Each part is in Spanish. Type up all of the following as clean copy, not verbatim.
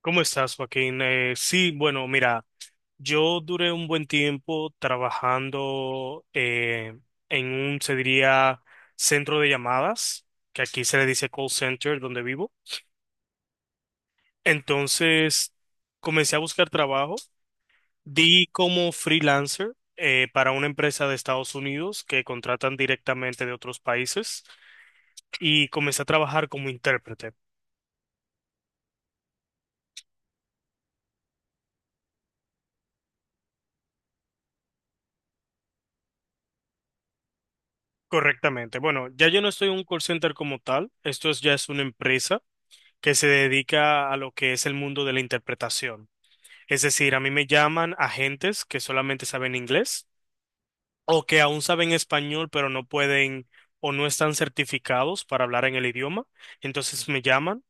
¿Cómo estás, Joaquín? Sí, bueno, mira, yo duré un buen tiempo trabajando en un, se diría, centro de llamadas, que aquí se le dice call center, donde vivo. Entonces, comencé a buscar trabajo, di como freelancer para una empresa de Estados Unidos que contratan directamente de otros países y comencé a trabajar como intérprete. Correctamente. Bueno, ya yo no estoy en un call center como tal, esto es, ya es una empresa que se dedica a lo que es el mundo de la interpretación. Es decir, a mí me llaman agentes que solamente saben inglés o que aún saben español, pero no pueden o no están certificados para hablar en el idioma. Entonces me llaman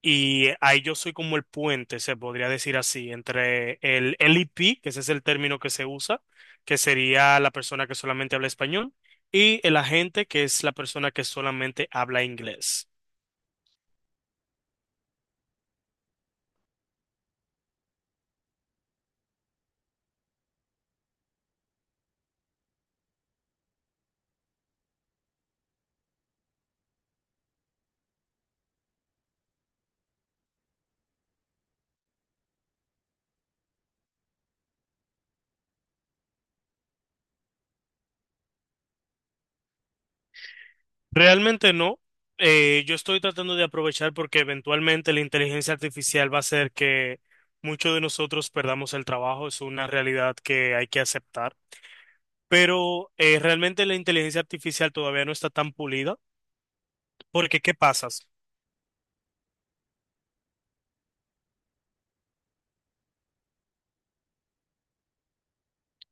y ahí yo soy como el puente, se podría decir así, entre el LEP, que ese es el término que se usa, que sería la persona que solamente habla español, y el agente, que es la persona que solamente habla inglés. Realmente no. Yo estoy tratando de aprovechar porque eventualmente la inteligencia artificial va a hacer que muchos de nosotros perdamos el trabajo. Es una realidad que hay que aceptar. Pero realmente la inteligencia artificial todavía no está tan pulida. Porque, ¿qué pasas?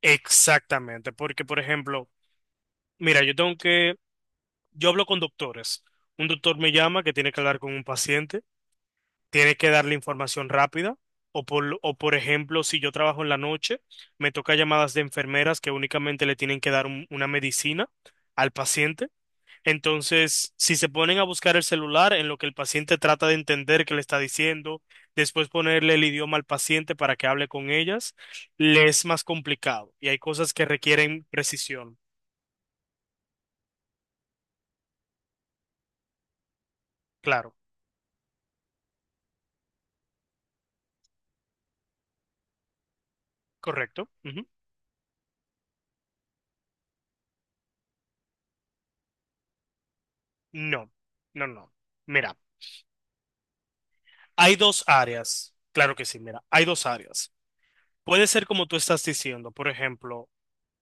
Exactamente. Porque, por ejemplo, mira, yo hablo con doctores. Un doctor me llama que tiene que hablar con un paciente. Tiene que darle información rápida. O por ejemplo, si yo trabajo en la noche, me toca llamadas de enfermeras que únicamente le tienen que dar una medicina al paciente. Entonces, si se ponen a buscar el celular en lo que el paciente trata de entender qué le está diciendo, después ponerle el idioma al paciente para que hable con ellas, le es más complicado. Y hay cosas que requieren precisión. Claro, correcto. Ujú. No, no, no. Mira, hay dos áreas. Claro que sí, mira, hay dos áreas. Puede ser como tú estás diciendo, por ejemplo,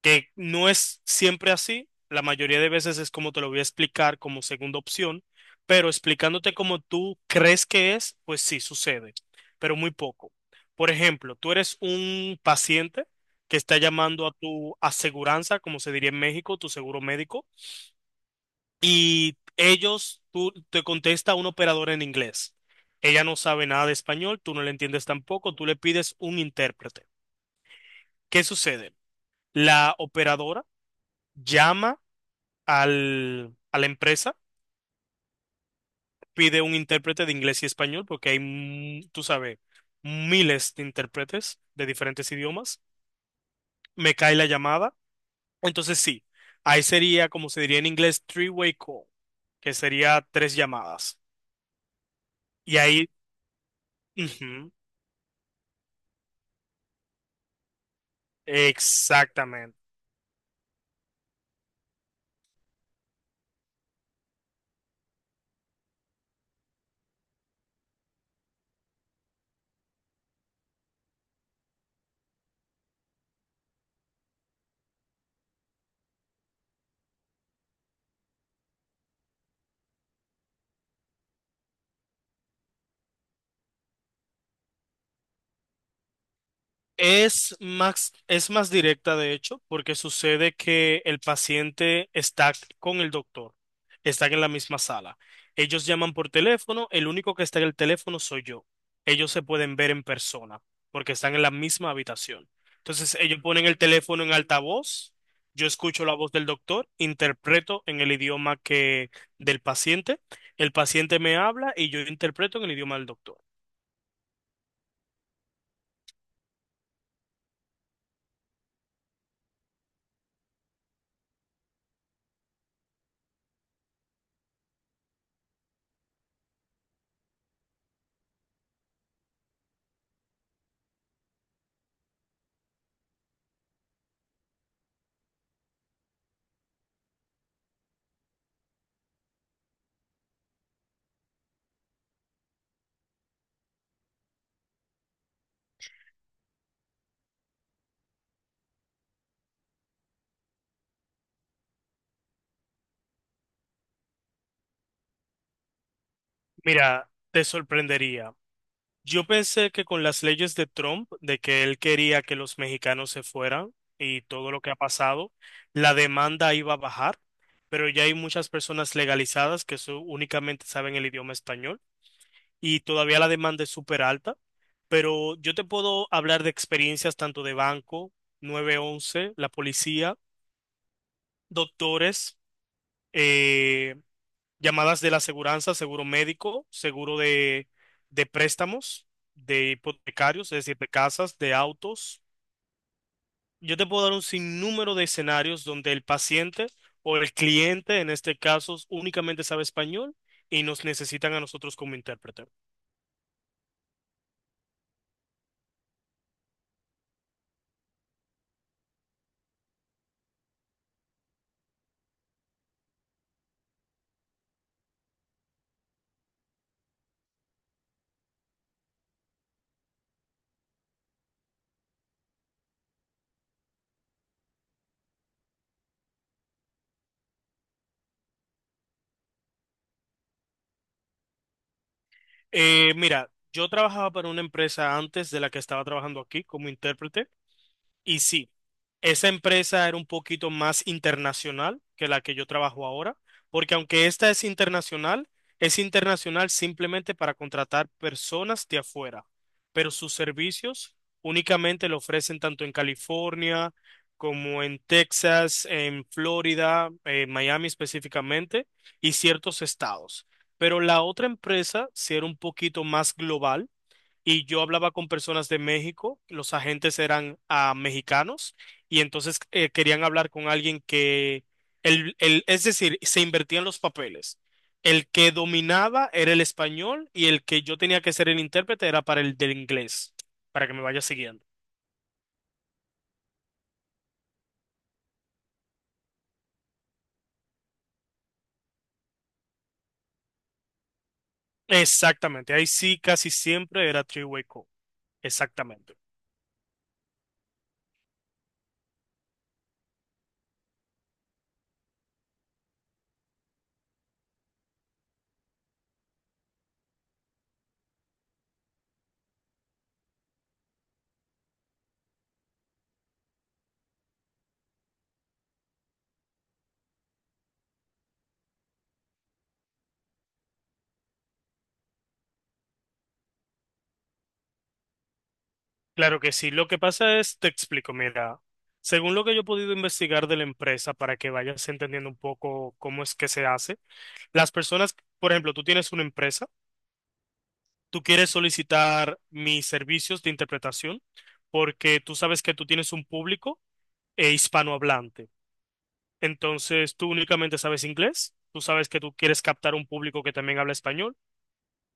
que no es siempre así, la mayoría de veces es como te lo voy a explicar como segunda opción, pero explicándote como tú crees que es, pues sí sucede, pero muy poco. Por ejemplo, tú eres un paciente que está llamando a tu aseguranza, como se diría en México, tu seguro médico, y ellos, tú te contesta un operador en inglés. Ella no sabe nada de español, tú no le entiendes tampoco, tú le pides un intérprete. ¿Qué sucede? La operadora llama a la empresa, pide un intérprete de inglés y español, porque hay, tú sabes, miles de intérpretes de diferentes idiomas. Me cae la llamada. Entonces sí, ahí sería, como se diría en inglés, three-way call, que sería tres llamadas. Y ahí, ujú, exactamente. Es más directa, de hecho, porque sucede que el paciente está con el doctor, están en la misma sala. Ellos llaman por teléfono, el único que está en el teléfono soy yo. Ellos se pueden ver en persona, porque están en la misma habitación. Entonces, ellos ponen el teléfono en altavoz, yo escucho la voz del doctor, interpreto en el idioma que del paciente, el paciente me habla y yo interpreto en el idioma del doctor. Mira, te sorprendería. Yo pensé que con las leyes de Trump, de que él quería que los mexicanos se fueran y todo lo que ha pasado, la demanda iba a bajar, pero ya hay muchas personas legalizadas que únicamente saben el idioma español y todavía la demanda es súper alta, pero yo te puedo hablar de experiencias tanto de banco, 911, la policía, doctores, eh, llamadas de la aseguranza, seguro médico, seguro de, préstamos, de hipotecarios, es decir, de casas, de autos. Yo te puedo dar un sinnúmero de escenarios donde el paciente o el cliente, en este caso, únicamente sabe español y nos necesitan a nosotros como intérprete. Mira, yo trabajaba para una empresa antes de la que estaba trabajando aquí como intérprete. Y sí, esa empresa era un poquito más internacional que la que yo trabajo ahora, porque aunque esta es internacional simplemente para contratar personas de afuera, pero sus servicios únicamente lo ofrecen tanto en California como en Texas, en Florida, en Miami específicamente, y ciertos estados. Pero la otra empresa sí era un poquito más global y yo hablaba con personas de México, los agentes eran mexicanos y entonces querían hablar con alguien que, es decir, se invertían los papeles. El que dominaba era el español y el que yo tenía que ser el intérprete era para el del inglés, para que me vaya siguiendo. Exactamente, ahí sí casi siempre era three-way call, exactamente. Claro que sí, lo que pasa es, te explico, mira. Según lo que yo he podido investigar de la empresa, para que vayas entendiendo un poco cómo es que se hace, las personas, por ejemplo, tú tienes una empresa, tú quieres solicitar mis servicios de interpretación porque tú sabes que tú tienes un público hispanohablante. Entonces, tú únicamente sabes inglés, tú sabes que tú quieres captar un público que también habla español,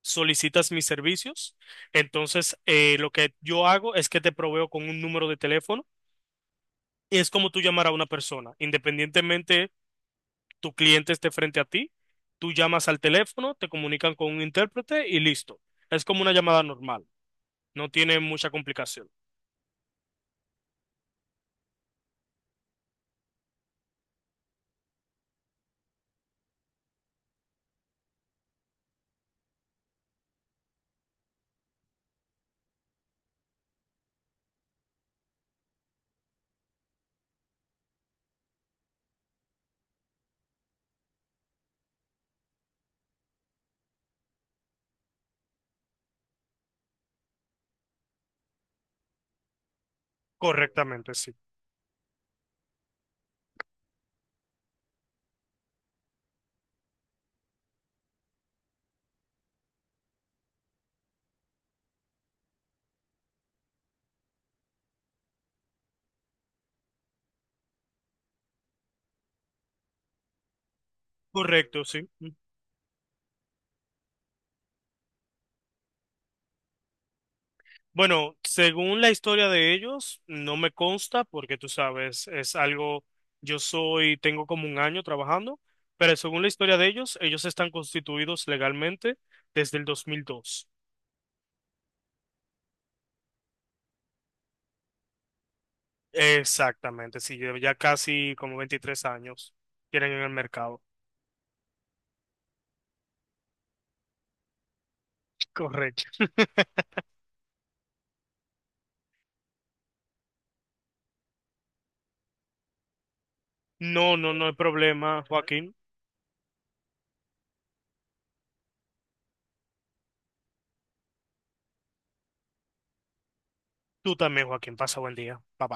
solicitas mis servicios. Entonces, lo que yo hago es que te proveo con un número de teléfono y es como tú llamar a una persona, independientemente tu cliente esté frente a ti, tú llamas al teléfono, te comunican con un intérprete y listo. Es como una llamada normal, no tiene mucha complicación. Correctamente, sí. Correcto, sí. Bueno, según la historia de ellos, no me consta porque tú sabes, es algo, yo soy, tengo como un año trabajando, pero según la historia de ellos, ellos están constituidos legalmente desde el 2002. Exactamente, sí. Ya casi como 23 años tienen en el mercado. Correcto. No, no, no hay problema, Joaquín. Tú también, Joaquín. Pasa buen día. Bye bye.